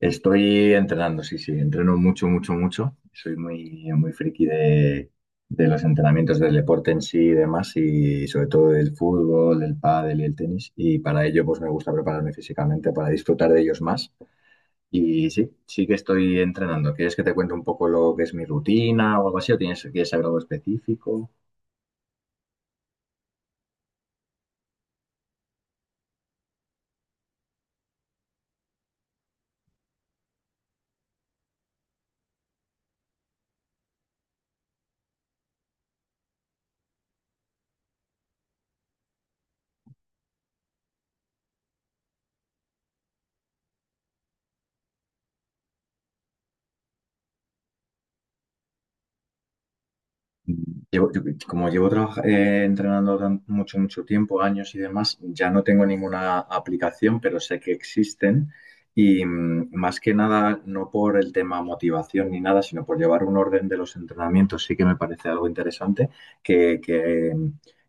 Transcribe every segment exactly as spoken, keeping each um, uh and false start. Estoy entrenando, sí, sí, entreno mucho, mucho, mucho. Soy muy, muy friki de, de los entrenamientos del deporte en sí y demás, y sobre todo del fútbol, del pádel y el tenis. Y para ello, pues me gusta prepararme físicamente para disfrutar de ellos más. Y sí, sí que estoy entrenando. ¿Quieres que te cuente un poco lo que es mi rutina o algo así? ¿O tienes, quieres saber algo específico? Llevo- yo- como llevo trabaja- eh, entrenando tan- mucho, mucho tiempo, años y demás, ya no tengo ninguna aplicación, pero sé que existen y mm, más que nada no por el tema motivación ni nada, sino por llevar un orden de los entrenamientos, sí que me parece algo interesante que, que,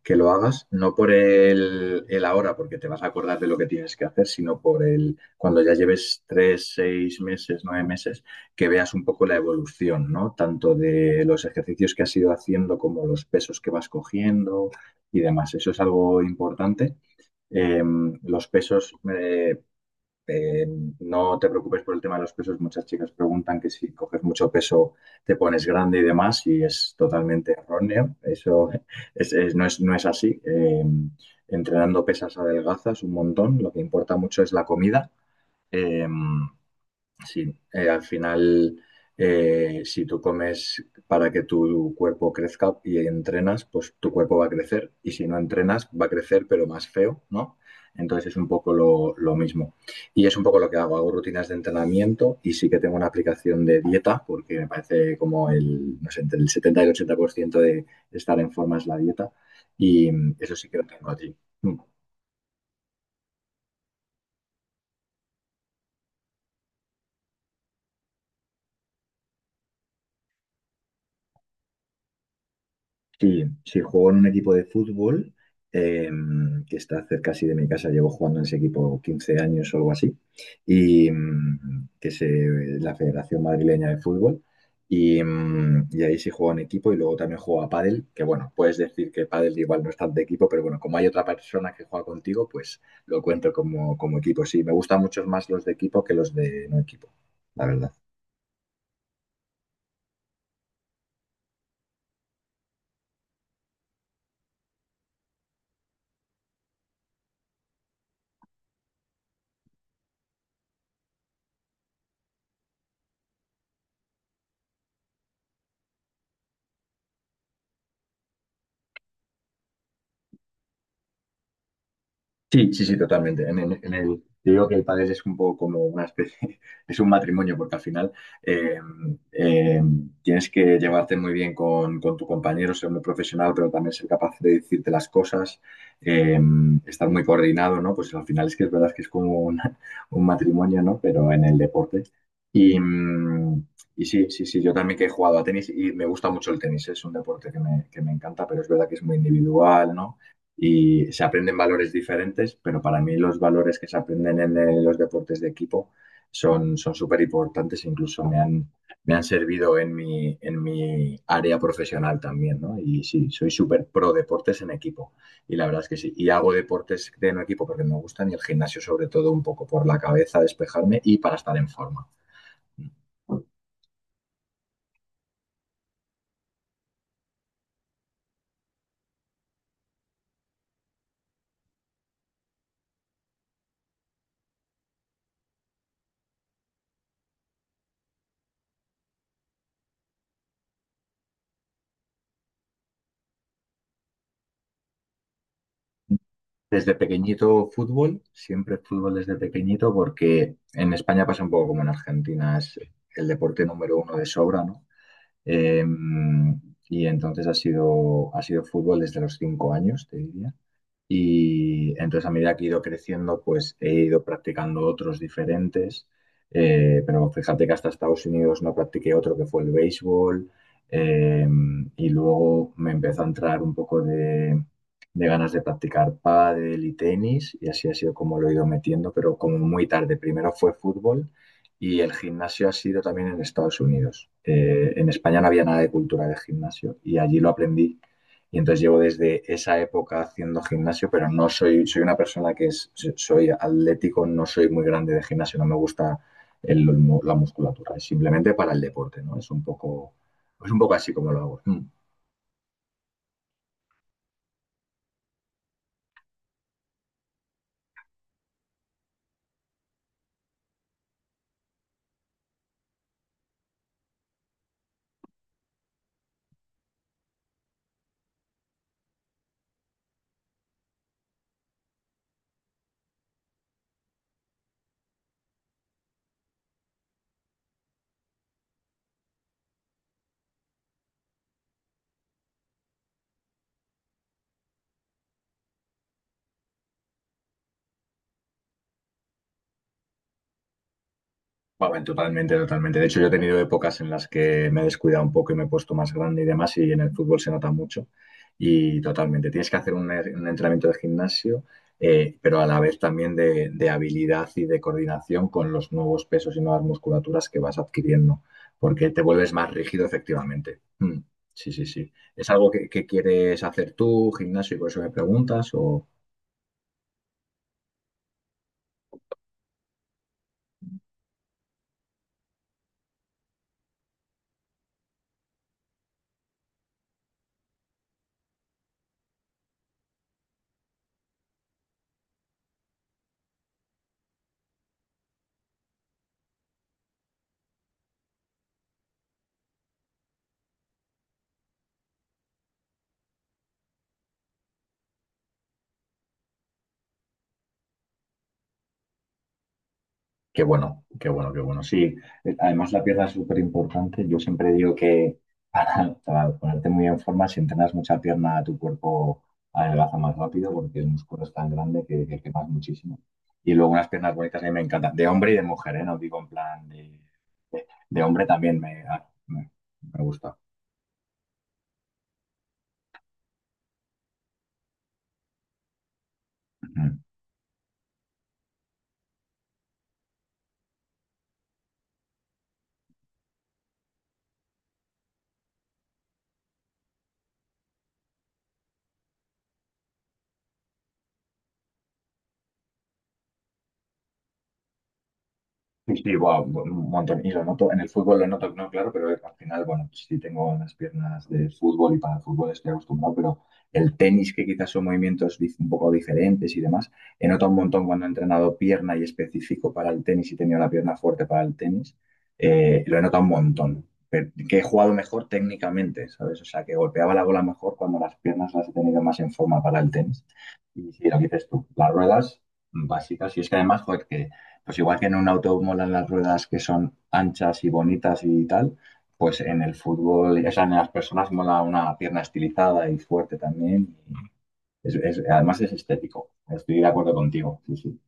que lo hagas, no por el, el ahora, porque te vas a acordar de lo que tienes que hacer, sino por el cuando ya lleves tres, seis meses, nueve meses que veas un poco la evolución, ¿no? Tanto de los ejercicios que has ido haciendo como los pesos que vas cogiendo y demás. Eso es algo importante. Eh, los pesos, eh, eh, no te preocupes por el tema de los pesos. Muchas chicas preguntan que si coges mucho peso te pones grande y demás, y es totalmente erróneo. Eso es- es- no es, no es así. Eh, entrenando pesas adelgazas un montón. Lo que importa mucho es la comida. Eh, Sí, eh, al final, eh, si tú comes para que tu cuerpo crezca y entrenas, pues tu cuerpo va a crecer. Y si no entrenas, va a crecer, pero más feo, ¿no? Entonces es un poco lo, lo mismo. Y es un poco lo que hago. Hago rutinas de entrenamiento y sí que tengo una aplicación de dieta, porque me parece como el, no sé, entre el setenta y el ochenta por ciento de estar en forma es la dieta. Y eso sí que lo tengo allí. Mm. Sí, sí, juego en un equipo de fútbol em, que está cerca así de mi casa. Llevo jugando en ese equipo quince años o algo así. Y mm, que es eh, la Federación Madrileña de Fútbol. Y, mm, y ahí sí juego en equipo. Y luego también juego a pádel, que bueno, puedes decir que pádel igual no es tan de equipo, pero bueno, como hay otra persona que juega contigo, pues lo cuento como, como equipo. Sí, me gustan mucho más los de equipo que los de no equipo, la verdad. Sí, sí, sí, totalmente. En, el, en el- yo digo que el padre es un poco como una especie, es un matrimonio, porque al final eh, eh, tienes que llevarte muy bien con, con tu compañero, ser muy profesional, pero también ser capaz de decirte las cosas, eh, estar muy coordinado, ¿no? Pues al final es que es verdad que es como una- un matrimonio, ¿no? Pero en el deporte. Y, mm, y sí, sí, sí, yo también que he jugado a tenis y me gusta mucho el tenis, es un deporte que me, que me encanta, pero es verdad que es muy individual, ¿no? Y se aprenden valores diferentes, pero para mí los valores que se aprenden en, eh, los deportes de equipo son son súper importantes, incluso me han, me han servido en mi, en mi área profesional también, ¿no? Y sí, soy súper pro deportes en equipo, y la verdad es que sí. Y hago deportes de en equipo porque me gustan y el gimnasio sobre todo un poco por la cabeza, despejarme y para estar en forma. Desde pequeñito fútbol, siempre fútbol desde pequeñito, porque en España pasa un poco como en Argentina, es el deporte número uno de sobra, ¿no? Eh, y entonces ha sido, ha sido fútbol desde los cinco años, te diría. Y entonces a medida que he ido creciendo, pues he ido practicando otros diferentes. Eh, pero fíjate que hasta Estados Unidos no practiqué otro que fue el béisbol. Eh, y luego me empezó a entrar un poco de, de ganas de practicar pádel y tenis. Y así ha sido como lo he ido metiendo, pero como muy tarde. Primero fue fútbol y el gimnasio ha sido también en Estados Unidos. Eh, en España no había nada de cultura de gimnasio y allí lo aprendí y entonces llevo desde esa época haciendo gimnasio, pero no soy, soy una persona que es, so, soy atlético, no soy muy grande de gimnasio, no me gusta el- la musculatura, es simplemente para el deporte, ¿no? Es un poco, es un poco así como lo hago. Mm. Bueno, totalmente, totalmente. De hecho, yo he tenido épocas en las que me he descuidado un poco y me he puesto más grande y demás, y en el fútbol se nota mucho. Y totalmente, tienes que hacer un, er- un entrenamiento de gimnasio, eh, pero a la vez también de, de habilidad y de coordinación con los nuevos pesos y nuevas musculaturas que vas adquiriendo, porque te vuelves más rígido efectivamente. Mm, sí, sí, sí. ¿Es algo que, que quieres hacer tú, gimnasio, y por eso me preguntas? O... Qué bueno, qué bueno, qué bueno. Sí, eh, además la pierna es súper importante. Yo siempre digo que para, para ponerte muy en forma, si entrenas mucha pierna, tu cuerpo adelgaza más rápido porque el músculo es tan grande que, que quemas muchísimo. Y luego unas piernas bonitas a mí me encantan, de hombre y de mujer, ¿eh? No digo en plan de, de hombre también me, ah, me, me gusta. Sí, sí, buah, bu- un montón. Y lo noto, en el fútbol lo noto, no, claro, pero al final, bueno, pues sí tengo las piernas de fútbol y para el fútbol estoy acostumbrado, pero el tenis, que quizás son movimientos dif- un poco diferentes y demás, he notado un montón cuando he entrenado pierna y específico para el tenis y he tenido la pierna fuerte para el tenis, eh, lo he notado un montón. Pero que he jugado mejor técnicamente, ¿sabes? O sea, que golpeaba la bola mejor cuando las piernas las he tenido más en forma para el tenis. Y sí, lo que dices tú, las ruedas básicas, y es que además, joder, que pues igual que en un auto molan las ruedas que son anchas y bonitas y tal, pues en el fútbol, o sea, en las personas mola una pierna estilizada y fuerte también. Y es- es- además es estético. Estoy de acuerdo contigo. Sí, sí.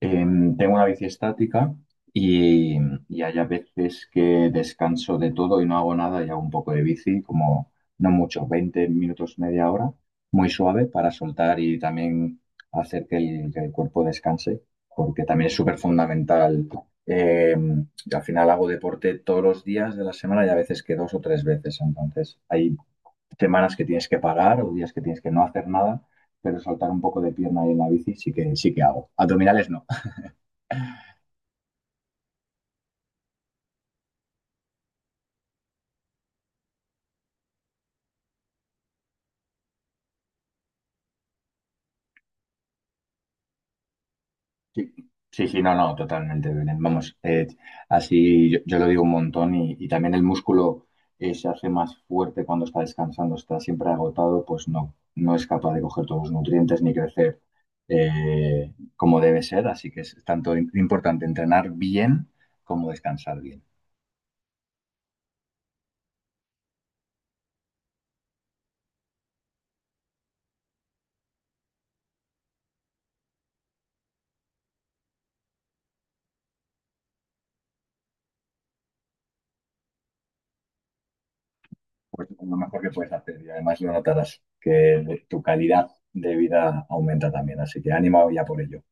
Em, tengo una bici estática y, y hay a veces que descanso de todo y no hago nada y hago un poco de bici, como no mucho, veinte minutos, media hora, muy suave para soltar y también hacer que el, que el cuerpo descanse, porque también es súper fundamental. Em, Al final hago deporte todos los días de la semana y a veces que dos o tres veces, entonces hay semanas que tienes que parar o días que tienes que no hacer nada, pero soltar un poco de pierna y en la bici sí que, sí que hago. Abdominales no. Sí, sí, sí, no, no, totalmente, Belén. Vamos, eh, así yo, yo lo digo un montón y, y también el músculo eh, se hace más fuerte cuando está descansando, está siempre agotado, pues no, no es capaz de coger todos los nutrientes ni crecer eh, como debe ser, así que es tanto im- importante entrenar bien como descansar bien. Pues lo mejor que puedes hacer y además lo notarás, que tu calidad de vida aumenta también, así que ánimo ya por ello.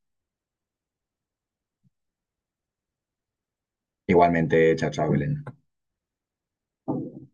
Igualmente, chao, chao, Belén.